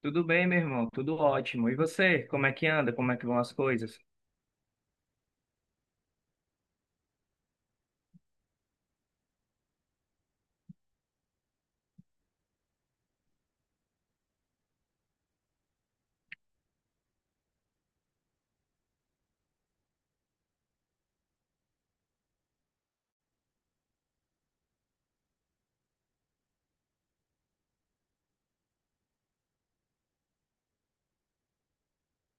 Tudo bem, meu irmão? Tudo ótimo. E você? Como é que anda? Como é que vão as coisas?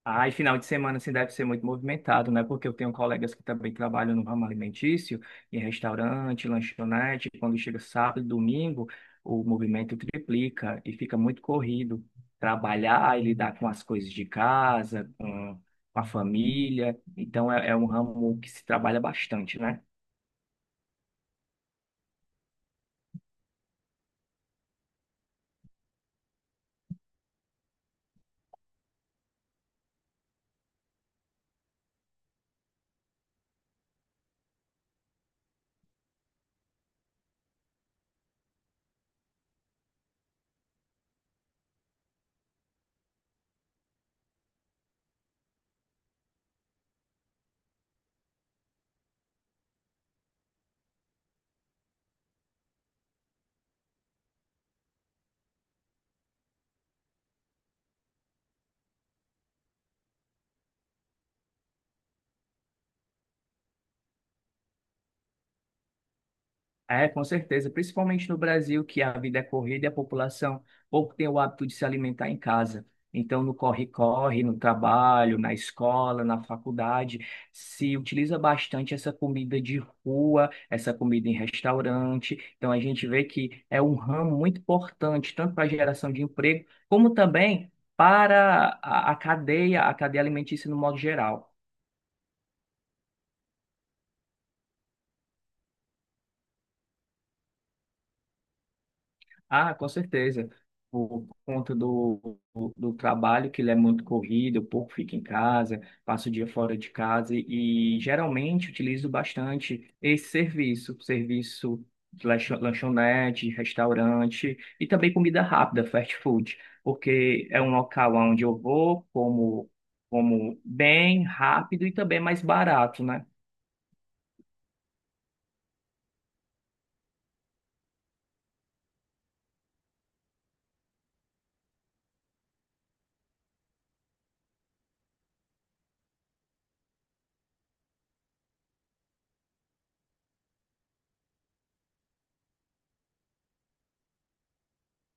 Ah, e final de semana assim deve ser muito movimentado, né? Porque eu tenho colegas que também trabalham no ramo alimentício, em restaurante, lanchonete. Quando chega sábado, domingo, o movimento triplica e fica muito corrido. Trabalhar e lidar com as coisas de casa, com a família. Então é um ramo que se trabalha bastante, né? É, com certeza, principalmente no Brasil, que a vida é corrida e a população pouco tem o hábito de se alimentar em casa. Então, no corre-corre, no trabalho, na escola, na faculdade, se utiliza bastante essa comida de rua, essa comida em restaurante. Então, a gente vê que é um ramo muito importante, tanto para a geração de emprego, como também para a cadeia, a cadeia alimentícia no modo geral. Ah, com certeza. Por conta do trabalho, que ele é muito corrido, eu pouco fico em casa, passo o dia fora de casa e geralmente utilizo bastante esse serviço de lanchonete, restaurante e também comida rápida, fast food, porque é um local onde eu vou, como, como bem rápido e também mais barato, né?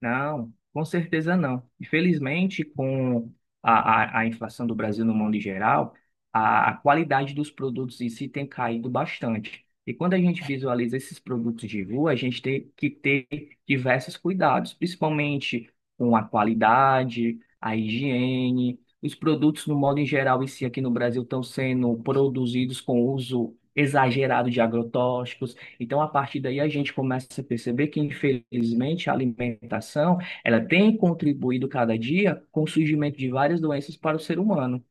Não, com certeza não. Infelizmente, com a inflação do Brasil no mundo em geral, a qualidade dos produtos em si tem caído bastante. E quando a gente visualiza esses produtos de rua, a gente tem que ter diversos cuidados, principalmente com a qualidade, a higiene. Os produtos, no modo em geral, em si aqui no Brasil, estão sendo produzidos com uso exagerado de agrotóxicos. Então, a partir daí, a gente começa a perceber que, infelizmente, a alimentação, ela tem contribuído cada dia com o surgimento de várias doenças para o ser humano.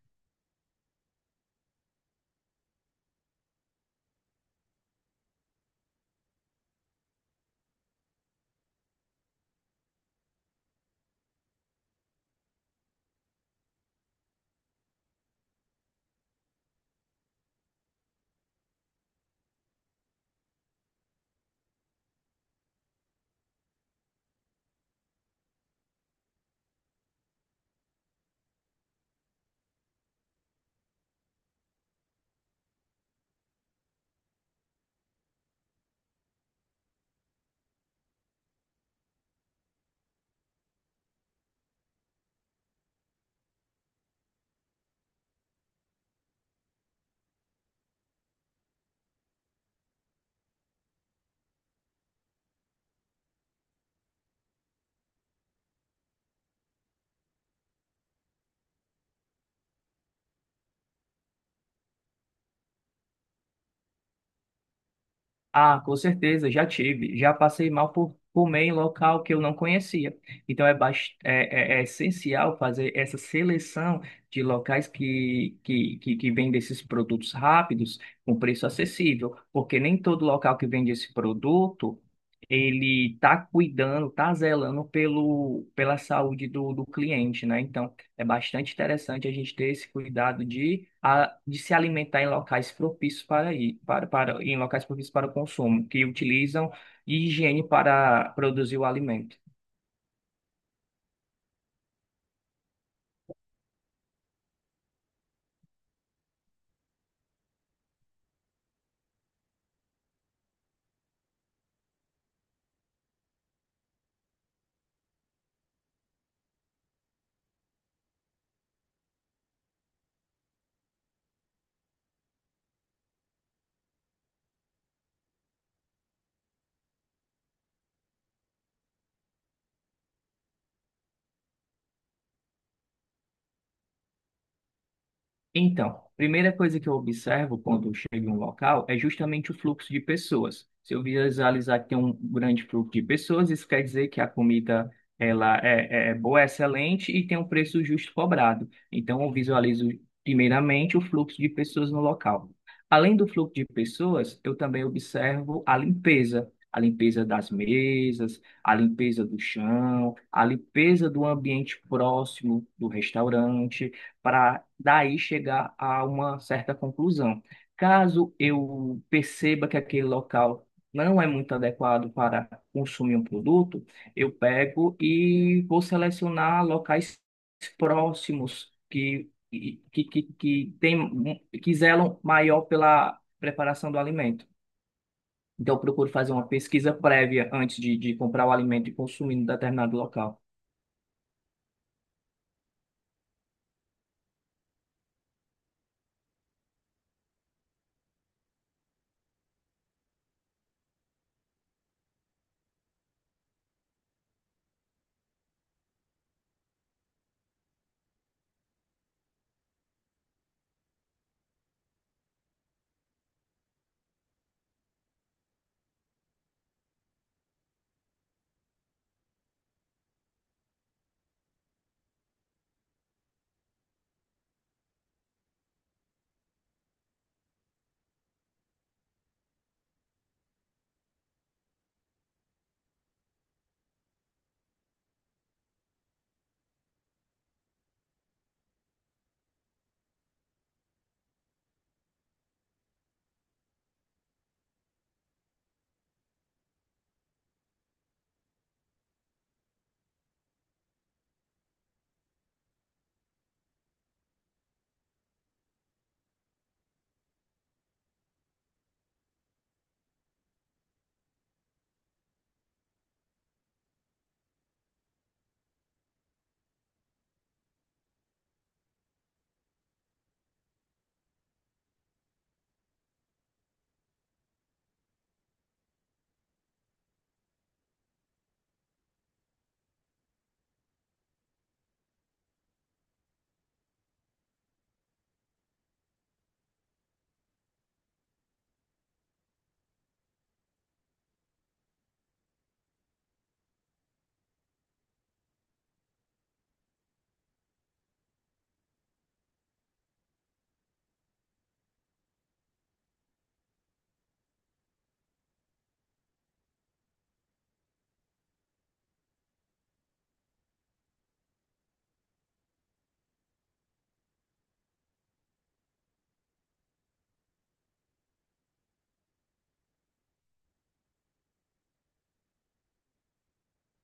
Ah, com certeza, já tive. Já passei mal por comer em local que eu não conhecia. Então é essencial fazer essa seleção de locais que vendem esses produtos rápidos com preço acessível, porque nem todo local que vende esse produto ele está cuidando, está zelando pelo, pela saúde do cliente, né? Então é bastante interessante a gente ter esse cuidado de se alimentar em locais propícios para, i- para, para, em locais propícios para o consumo, que utilizam higiene para produzir o alimento. Então, primeira coisa que eu observo quando eu chego em um local é justamente o fluxo de pessoas. Se eu visualizar que tem um grande fluxo de pessoas, isso quer dizer que a comida ela é boa, é excelente e tem um preço justo cobrado. Então, eu visualizo primeiramente o fluxo de pessoas no local. Além do fluxo de pessoas, eu também observo a limpeza. A limpeza das mesas, a limpeza do chão, a limpeza do ambiente próximo do restaurante para daí chegar a uma certa conclusão. Caso eu perceba que aquele local não é muito adequado para consumir um produto, eu pego e vou selecionar locais próximos que zelam maior pela preparação do alimento. Então, eu procuro fazer uma pesquisa prévia antes de comprar o alimento e consumir em determinado local.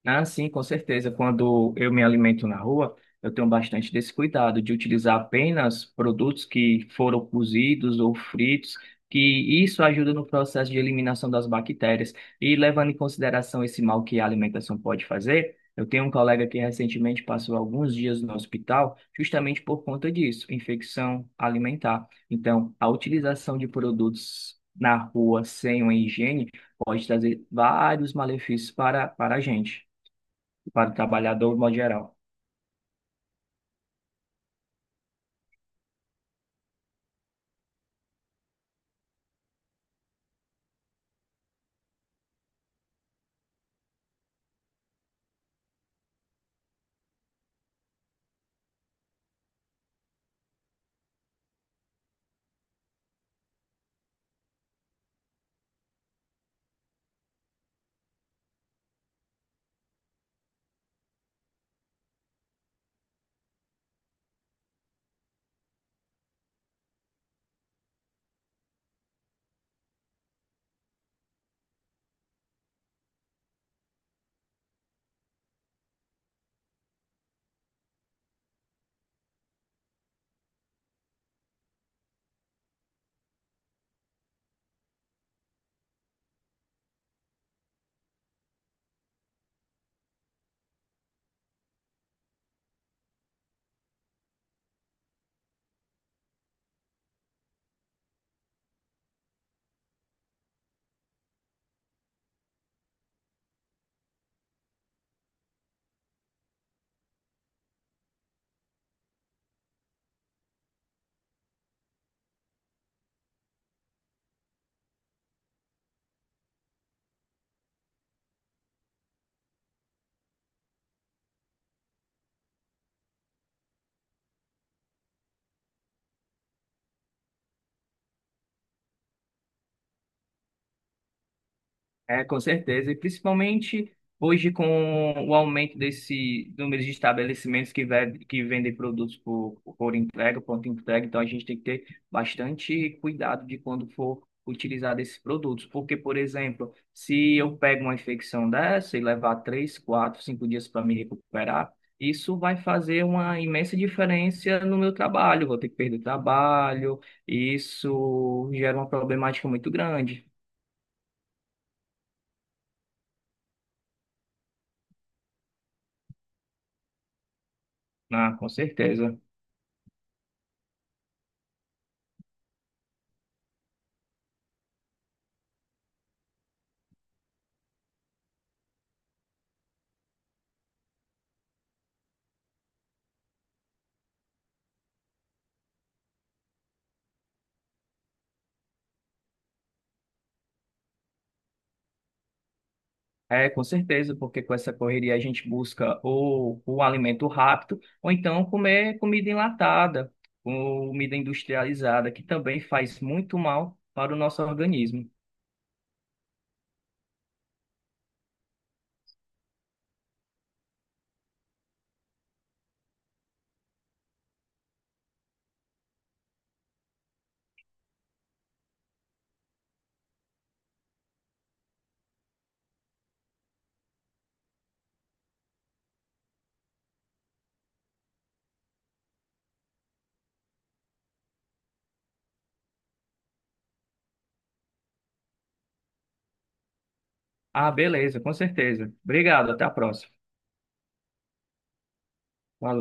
Ah, sim, com certeza. Quando eu me alimento na rua, eu tenho bastante desse cuidado de utilizar apenas produtos que foram cozidos ou fritos, que isso ajuda no processo de eliminação das bactérias. E levando em consideração esse mal que a alimentação pode fazer, eu tenho um colega que recentemente passou alguns dias no hospital justamente por conta disso, infecção alimentar. Então, a utilização de produtos na rua sem uma higiene pode trazer vários malefícios para a gente, para o trabalhador, de modo geral. É, com certeza. E principalmente hoje, com o aumento desse número de estabelecimentos que vendem produtos por entrega, pronto entrega, então a gente tem que ter bastante cuidado de quando for utilizar esses produtos. Porque, por exemplo, se eu pego uma infecção dessa e levar três, quatro, cinco dias para me recuperar, isso vai fazer uma imensa diferença no meu trabalho. Vou ter que perder trabalho, e isso gera uma problemática muito grande. Ah, com certeza. É, com certeza, porque com essa correria a gente busca ou o alimento rápido, ou então comer comida enlatada, comida industrializada, que também faz muito mal para o nosso organismo. Ah, beleza, com certeza. Obrigado, até a próxima. Falou.